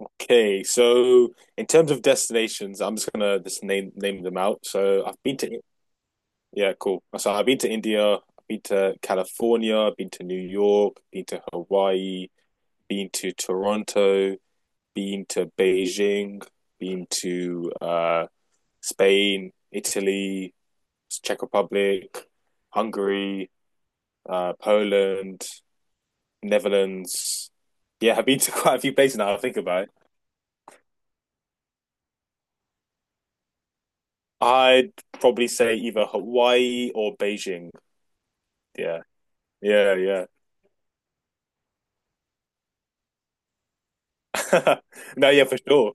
Okay, so in terms of destinations, I'm just gonna just name them out. So I've been to Yeah, cool. So I've been to India, I've been to California, I've been to New York, been to Hawaii, been to Toronto, been to Beijing, been to Spain, Italy, Czech Republic, Hungary, Poland, Netherlands. Yeah, I've been to quite a few places now. I think about it. I'd probably say either Hawaii or Beijing. Yeah, yeah, yeah. No, yeah, for sure.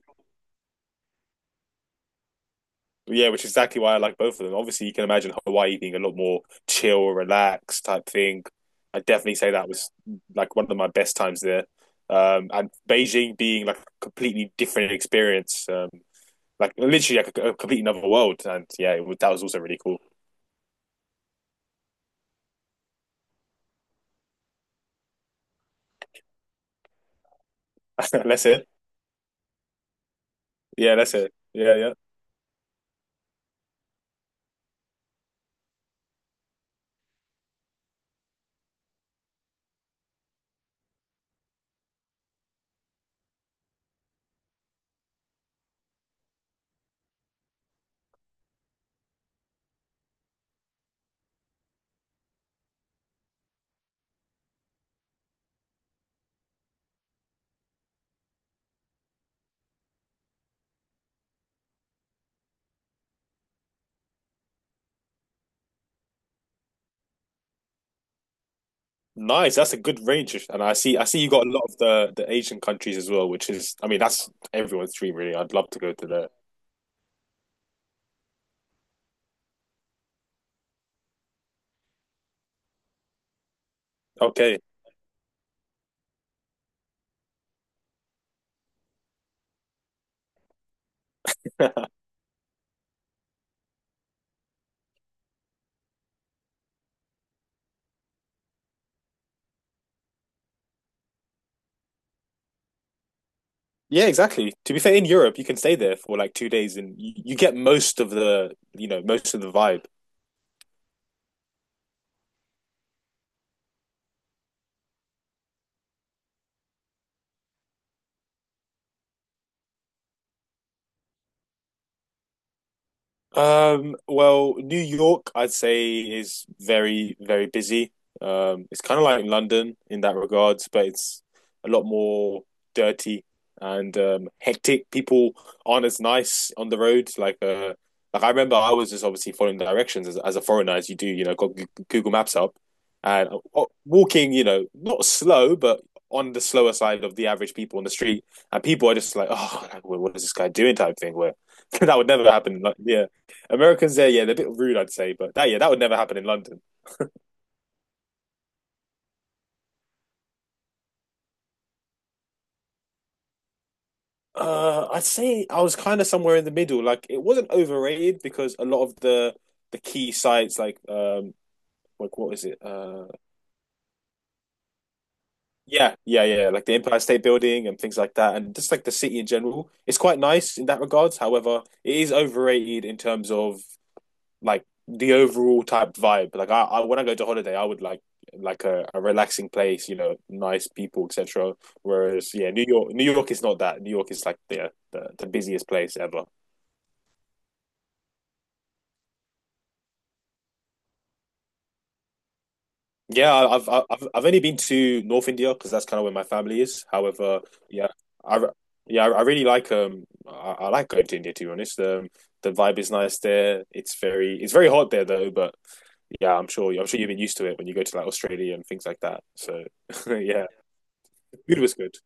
Yeah, which is exactly why I like both of them. Obviously, you can imagine Hawaii being a lot more chill, relaxed type thing. I definitely say that was like one of my best times there. And Beijing being like a completely different experience, like literally like a complete another world. And yeah, that was also really cool. That's it. Yeah, that's it. Yeah, yeah. Nice. That's a good range, and I see. I see you got a lot of the Asian countries as well, which is, I mean, that's everyone's dream, really. I'd love to go to that. Okay. Yeah, exactly. To be fair, in Europe, you can stay there for like 2 days, and you get most of the, you know, most of the vibe. Well, New York, I'd say, is very, very busy. It's kind of like London in that regards, but it's a lot more dirty and hectic. People aren't as nice on the road. Like I remember, I was just obviously following directions as a foreigner, as you do. You know, got Google Maps up and walking. You know, not slow, but on the slower side of the average people on the street. And people are just like, "Oh, like, what is this guy doing?" type thing. Where that would never happen. Like, yeah. Americans there, yeah, they're a bit rude, I'd say, but that yeah, that would never happen in London. I'd say I was kind of somewhere in the middle. Like it wasn't overrated because a lot of the key sites, like what is it? Yeah, yeah, yeah, like the Empire State Building and things like that, and just like the city in general, it's quite nice in that regards. However, it is overrated in terms of like the overall type vibe. Like I when I go to holiday, I would like a relaxing place, you know, nice people, etc. Whereas yeah, New York, New York is not that. New York is like the busiest place ever. Yeah, I've only been to North India because that's kind of where my family is. However, yeah, I yeah I really like I like going to India to be honest. The vibe is nice there. It's very hot there though, but yeah, I'm sure you've been used to it when you go to like Australia and things like that. So yeah. Food was good.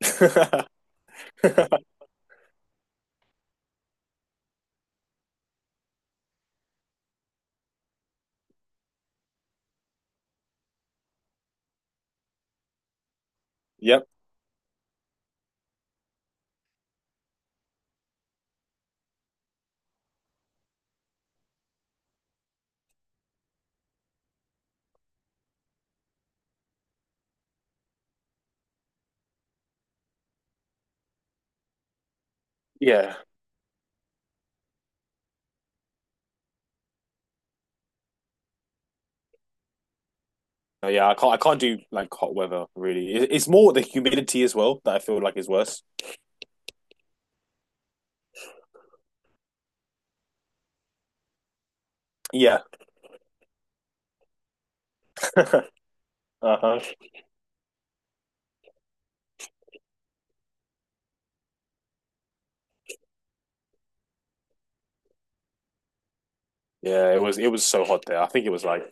Yep. Yeah. Yeah, I can't do like hot weather really. It's more the humidity as well that I feel like is worse. Yeah. Uh-huh. Yeah, it was so hot there. I think it was like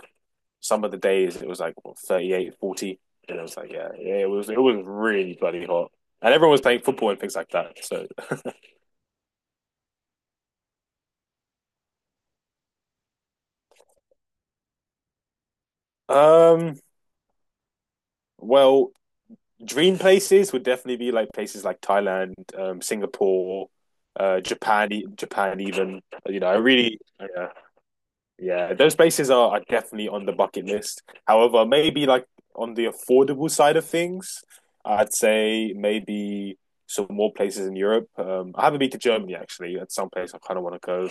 some of the days it was like what, 38, 40, and it was like yeah, yeah, it was really bloody hot. And everyone was playing football and things like that. So um well, dream places would definitely be like places like Thailand, Singapore, Japan, Japan even. You know, I really yeah. Yeah, those places are definitely on the bucket list. However, maybe like on the affordable side of things, I'd say maybe some more places in Europe. I haven't been to Germany actually. At some place I kind of want to go.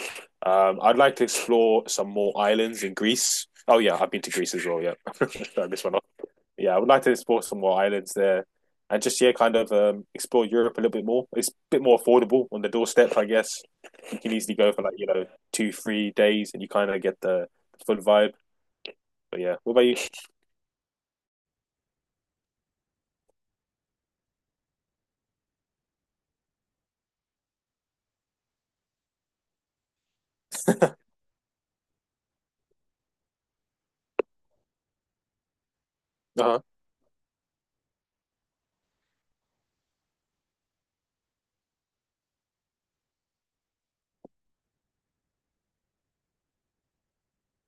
I'd like to explore some more islands in Greece. Oh yeah, I've been to Greece as well. Yeah, I missed one. Yeah, I would like to explore some more islands there, and just yeah, kind of explore Europe a little bit more. It's a bit more affordable on the doorstep, I guess. You can easily go for like two, 3 days, and you kind of get the full vibe. But yeah, what about you? Uh-huh.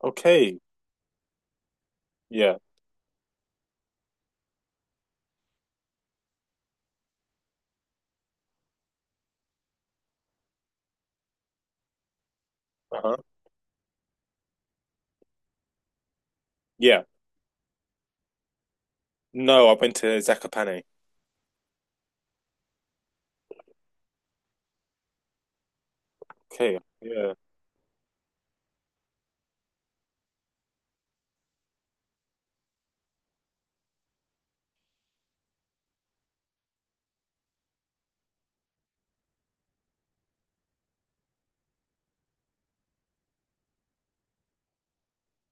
Okay. Yeah. Uh-huh. Yeah. No, I went to Zakopane. Okay. Yeah.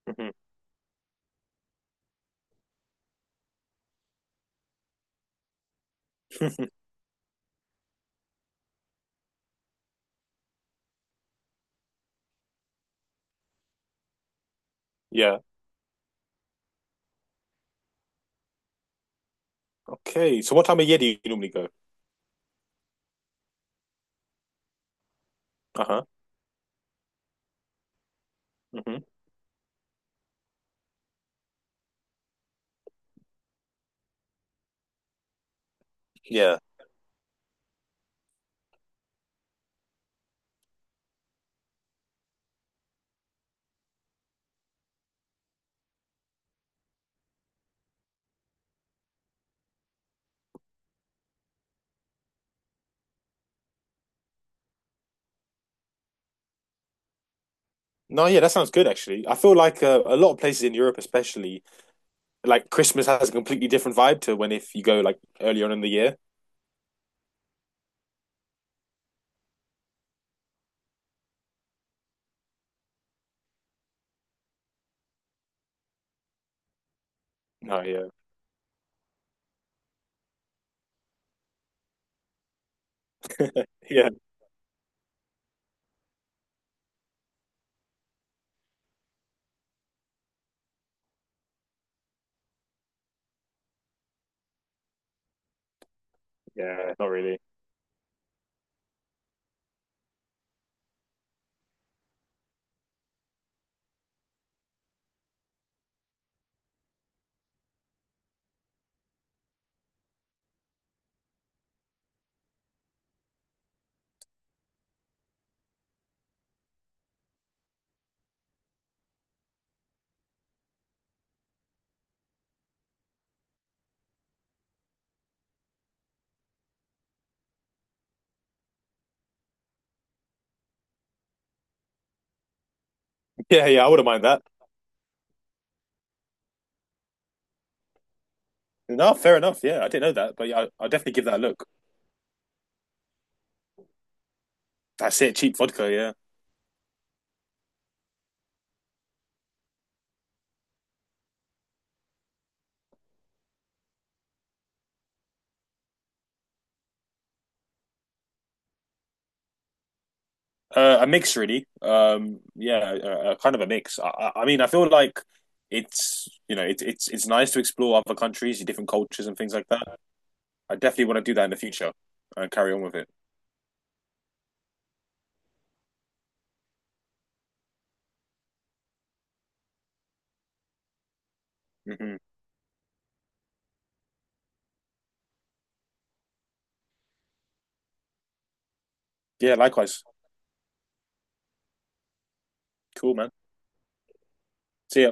Hmm. Yeah. Okay. So what time of year do you normally go? Uh-huh. Hmm. Yeah. No, yeah, that sounds good actually. I feel like a lot of places in Europe, especially, like Christmas has a completely different vibe to when if you go like earlier on in the year. No, yeah, yeah, yeah, not really. Yeah, yeah, I wouldn't mind that. No, fair enough. Yeah, I didn't know that, but yeah, I, I'll definitely give that a look. That's it, cheap vodka. Yeah, a mix really. Yeah, kind of a mix. I mean, I feel like it's you know it's nice to explore other countries, different cultures, and things like that. I definitely want to do that in the future and carry on with it. Hmm. Yeah, likewise. Cool, man. See ya.